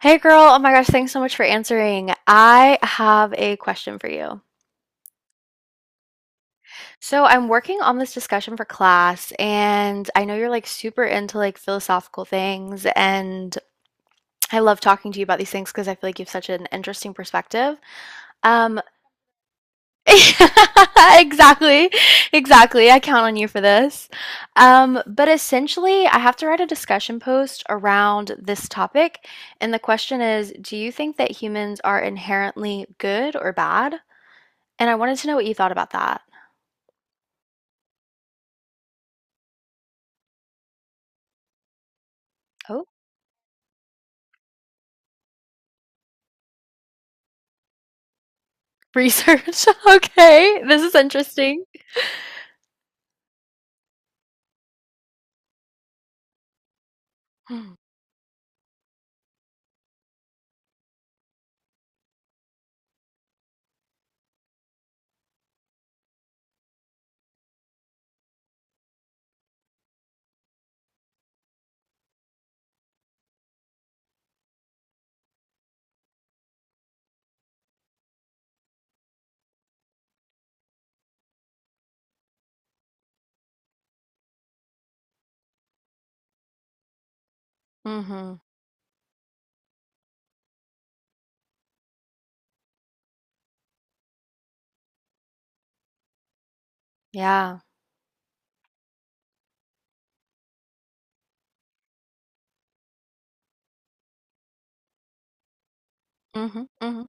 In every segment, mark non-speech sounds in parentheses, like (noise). Hey girl, oh my gosh, thanks so much for answering. I have a question for you. So, I'm working on this discussion for class, and I know you're like super into like philosophical things, and I love talking to you about these things because I feel like you have such an interesting perspective. Um, (laughs) exactly, exactly. I count on you for this. But essentially, I have to write a discussion post around this topic, and the question is, do you think that humans are inherently good or bad? And I wanted to know what you thought about that. Oh, research. (laughs) Okay, this is interesting. Mm-hmm. Yeah. Mm-hmm. Mm-hmm.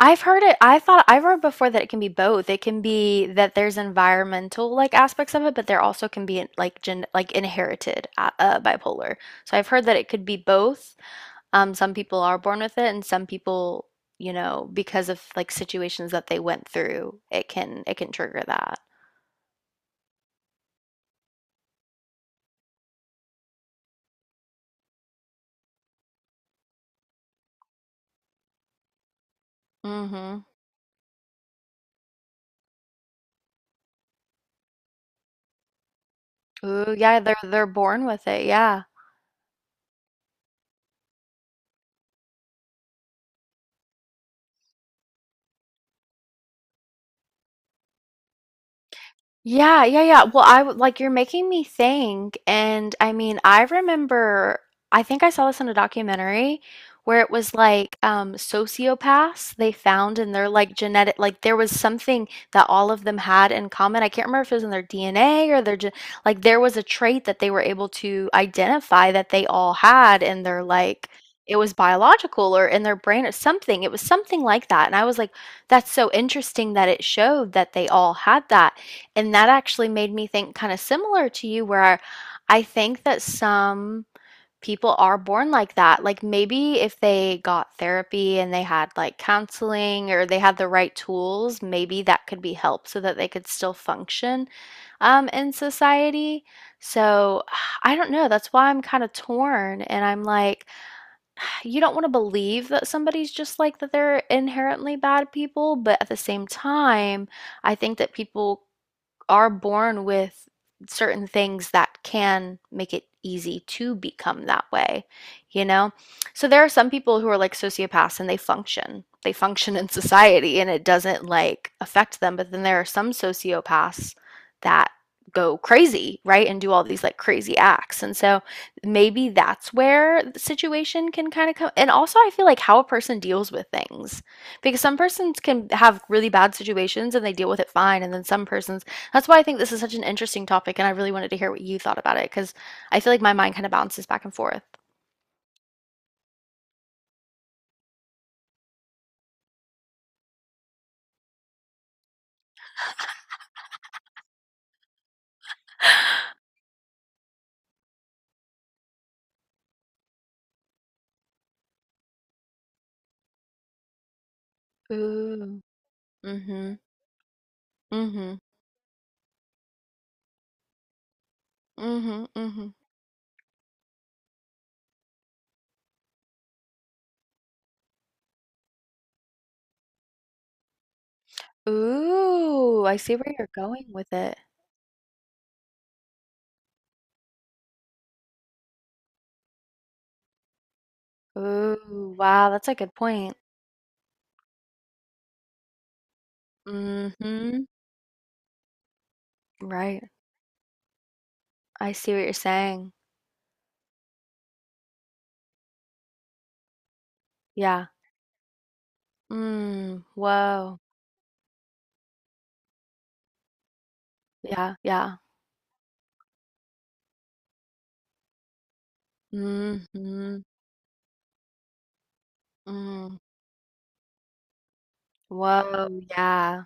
I've heard it. I thought I've heard before that it can be both. It can be that there's environmental like aspects of it, but there also can be like gen like inherited bipolar. So I've heard that it could be both. Some people are born with it, and some people, you know, because of like situations that they went through, it can trigger that. Mm-hmm. Ooh, yeah, they're born with it. Yeah. Yeah, yeah, yeah. Well, like you're making me think, and I mean, I remember I think I saw this in a documentary where it was like sociopaths, they found in their like genetic, like there was something that all of them had in common. I can't remember if it was in their DNA or their ge- like there was a trait that they were able to identify that they all had in their like it was biological or in their brain or something. It was something like that. And I was like, that's so interesting that it showed that they all had that. And that actually made me think kind of similar to you, where I think that some people are born like that. Like maybe if they got therapy and they had like counseling or they had the right tools, maybe that could be help so that they could still function in society. So (sighs) I don't know. That's why I'm kind of torn. And I'm like, (sighs) you don't want to believe that somebody's just like that, they're inherently bad people. But at the same time, I think that people are born with certain things that can make it easy to become that way, you know? So there are some people who are like sociopaths and they function. They function in society and it doesn't like affect them. But then there are some sociopaths that go crazy, right? And do all these like crazy acts. And so maybe that's where the situation can kind of come. And also, I feel like how a person deals with things, because some persons can have really bad situations and they deal with it fine. And then some persons, that's why I think this is such an interesting topic, and I really wanted to hear what you thought about it because I feel like my mind kind of bounces back and forth. (gasps) Ooh. Mm-hmm. Mm-hmm. Mm-hmm. Mm-hmm. Ooh, I see where you're going with it. Ooh, wow, that's a good point. Mm-hmm. Right. I see what you're saying. Yeah. Mm. Whoa. Yeah, yeah. Mm-hmm. Mm. Whoa, yeah.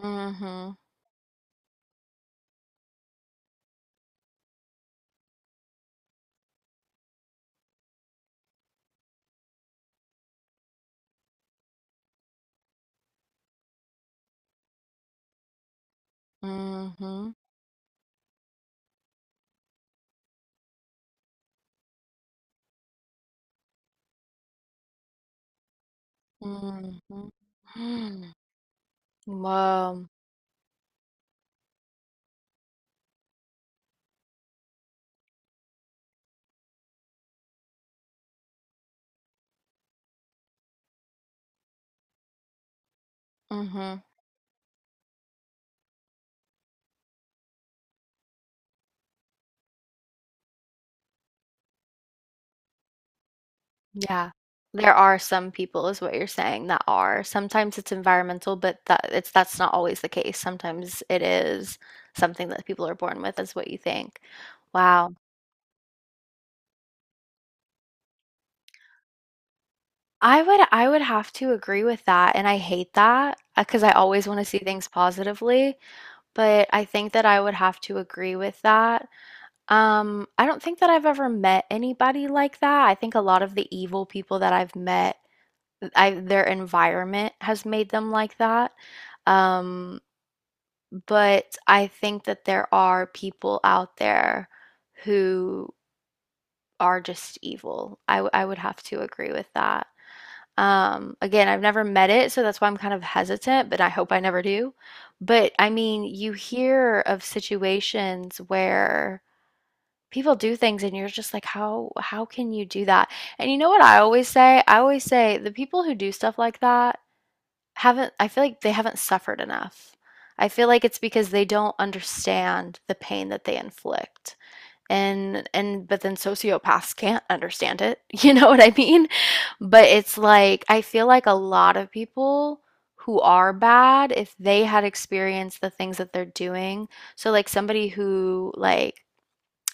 Mm-hmm. Mm-hmm. Mm-hmm. (gasps) Wow. Mhm. Yeah. There are some people, is what you're saying, that are. Sometimes it's environmental, but that it's that's not always the case. Sometimes it is something that people are born with, is what you think. Wow. I would have to agree with that, and I hate that because I always want to see things positively, but I think that I would have to agree with that. I don't think that I've ever met anybody like that. I think a lot of the evil people that I've met, I their environment has made them like that. Um, but I think that there are people out there who are just evil. I would have to agree with that. Again, I've never met it, so that's why I'm kind of hesitant, but I hope I never do. But I mean, you hear of situations where people do things and you're just like, how can you do that? And you know what I always say? I always say the people who do stuff like that haven't, I feel like they haven't suffered enough. I feel like it's because they don't understand the pain that they inflict. And but then sociopaths can't understand it. (laughs) You know what I mean? But it's like I feel like a lot of people who are bad, if they had experienced the things that they're doing. So like somebody who like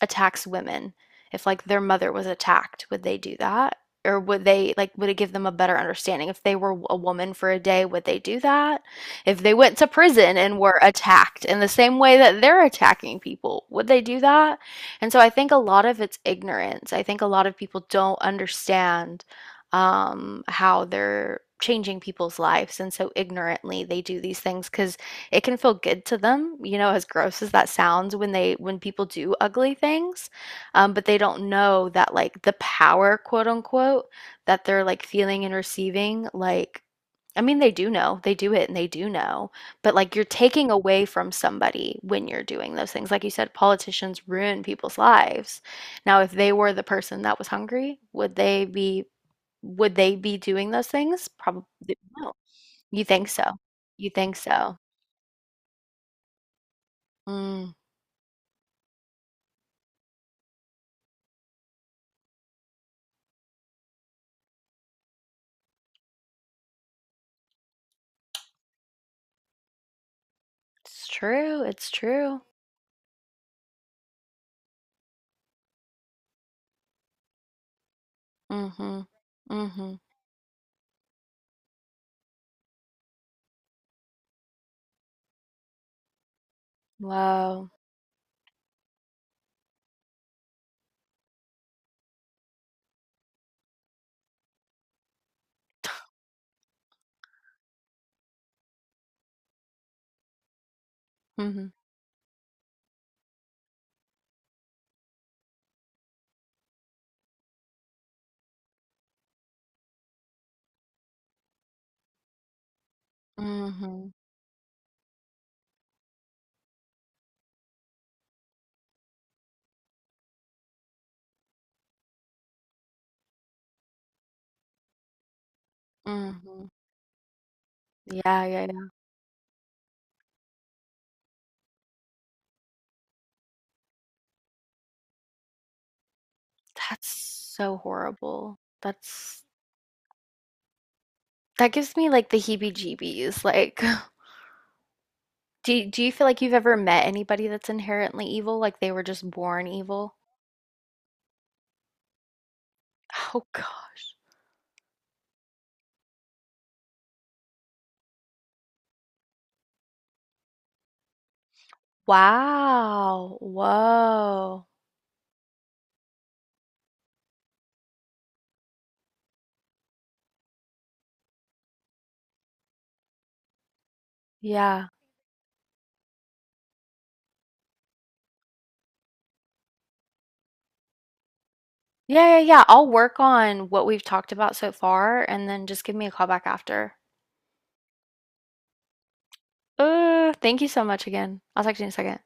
attacks women, if like their mother was attacked, would they do that? Or would they like, would it give them a better understanding if they were a woman for a day, would they do that? If they went to prison and were attacked in the same way that they're attacking people, would they do that? And so I think a lot of it's ignorance. I think a lot of people don't understand how they're changing people's lives, and so ignorantly they do these things because it can feel good to them, you know, as gross as that sounds, when they when people do ugly things, but they don't know that like the power, quote unquote, that they're like feeling and receiving, like I mean, they do know, they do it and they do know, but like you're taking away from somebody when you're doing those things. Like you said, politicians ruin people's lives. Now, if they were the person that was hungry, would they be doing those things? Probably no. You think so? You think so? Mm. It's true, it's true. Mhm. Mhm. Wow. Mhm. Mhm. Mhm. Yeah, yeah, yeah. That's so horrible. That's, that gives me like the heebie-jeebies. Like, (laughs) do you feel like you've ever met anybody that's inherently evil? Like they were just born evil? Oh God. Wow. Whoa. Yeah. Yeah, yeah, yeah. I'll work on what we've talked about so far and then just give me a call back after. Thank you so much again. I'll talk to you in a second.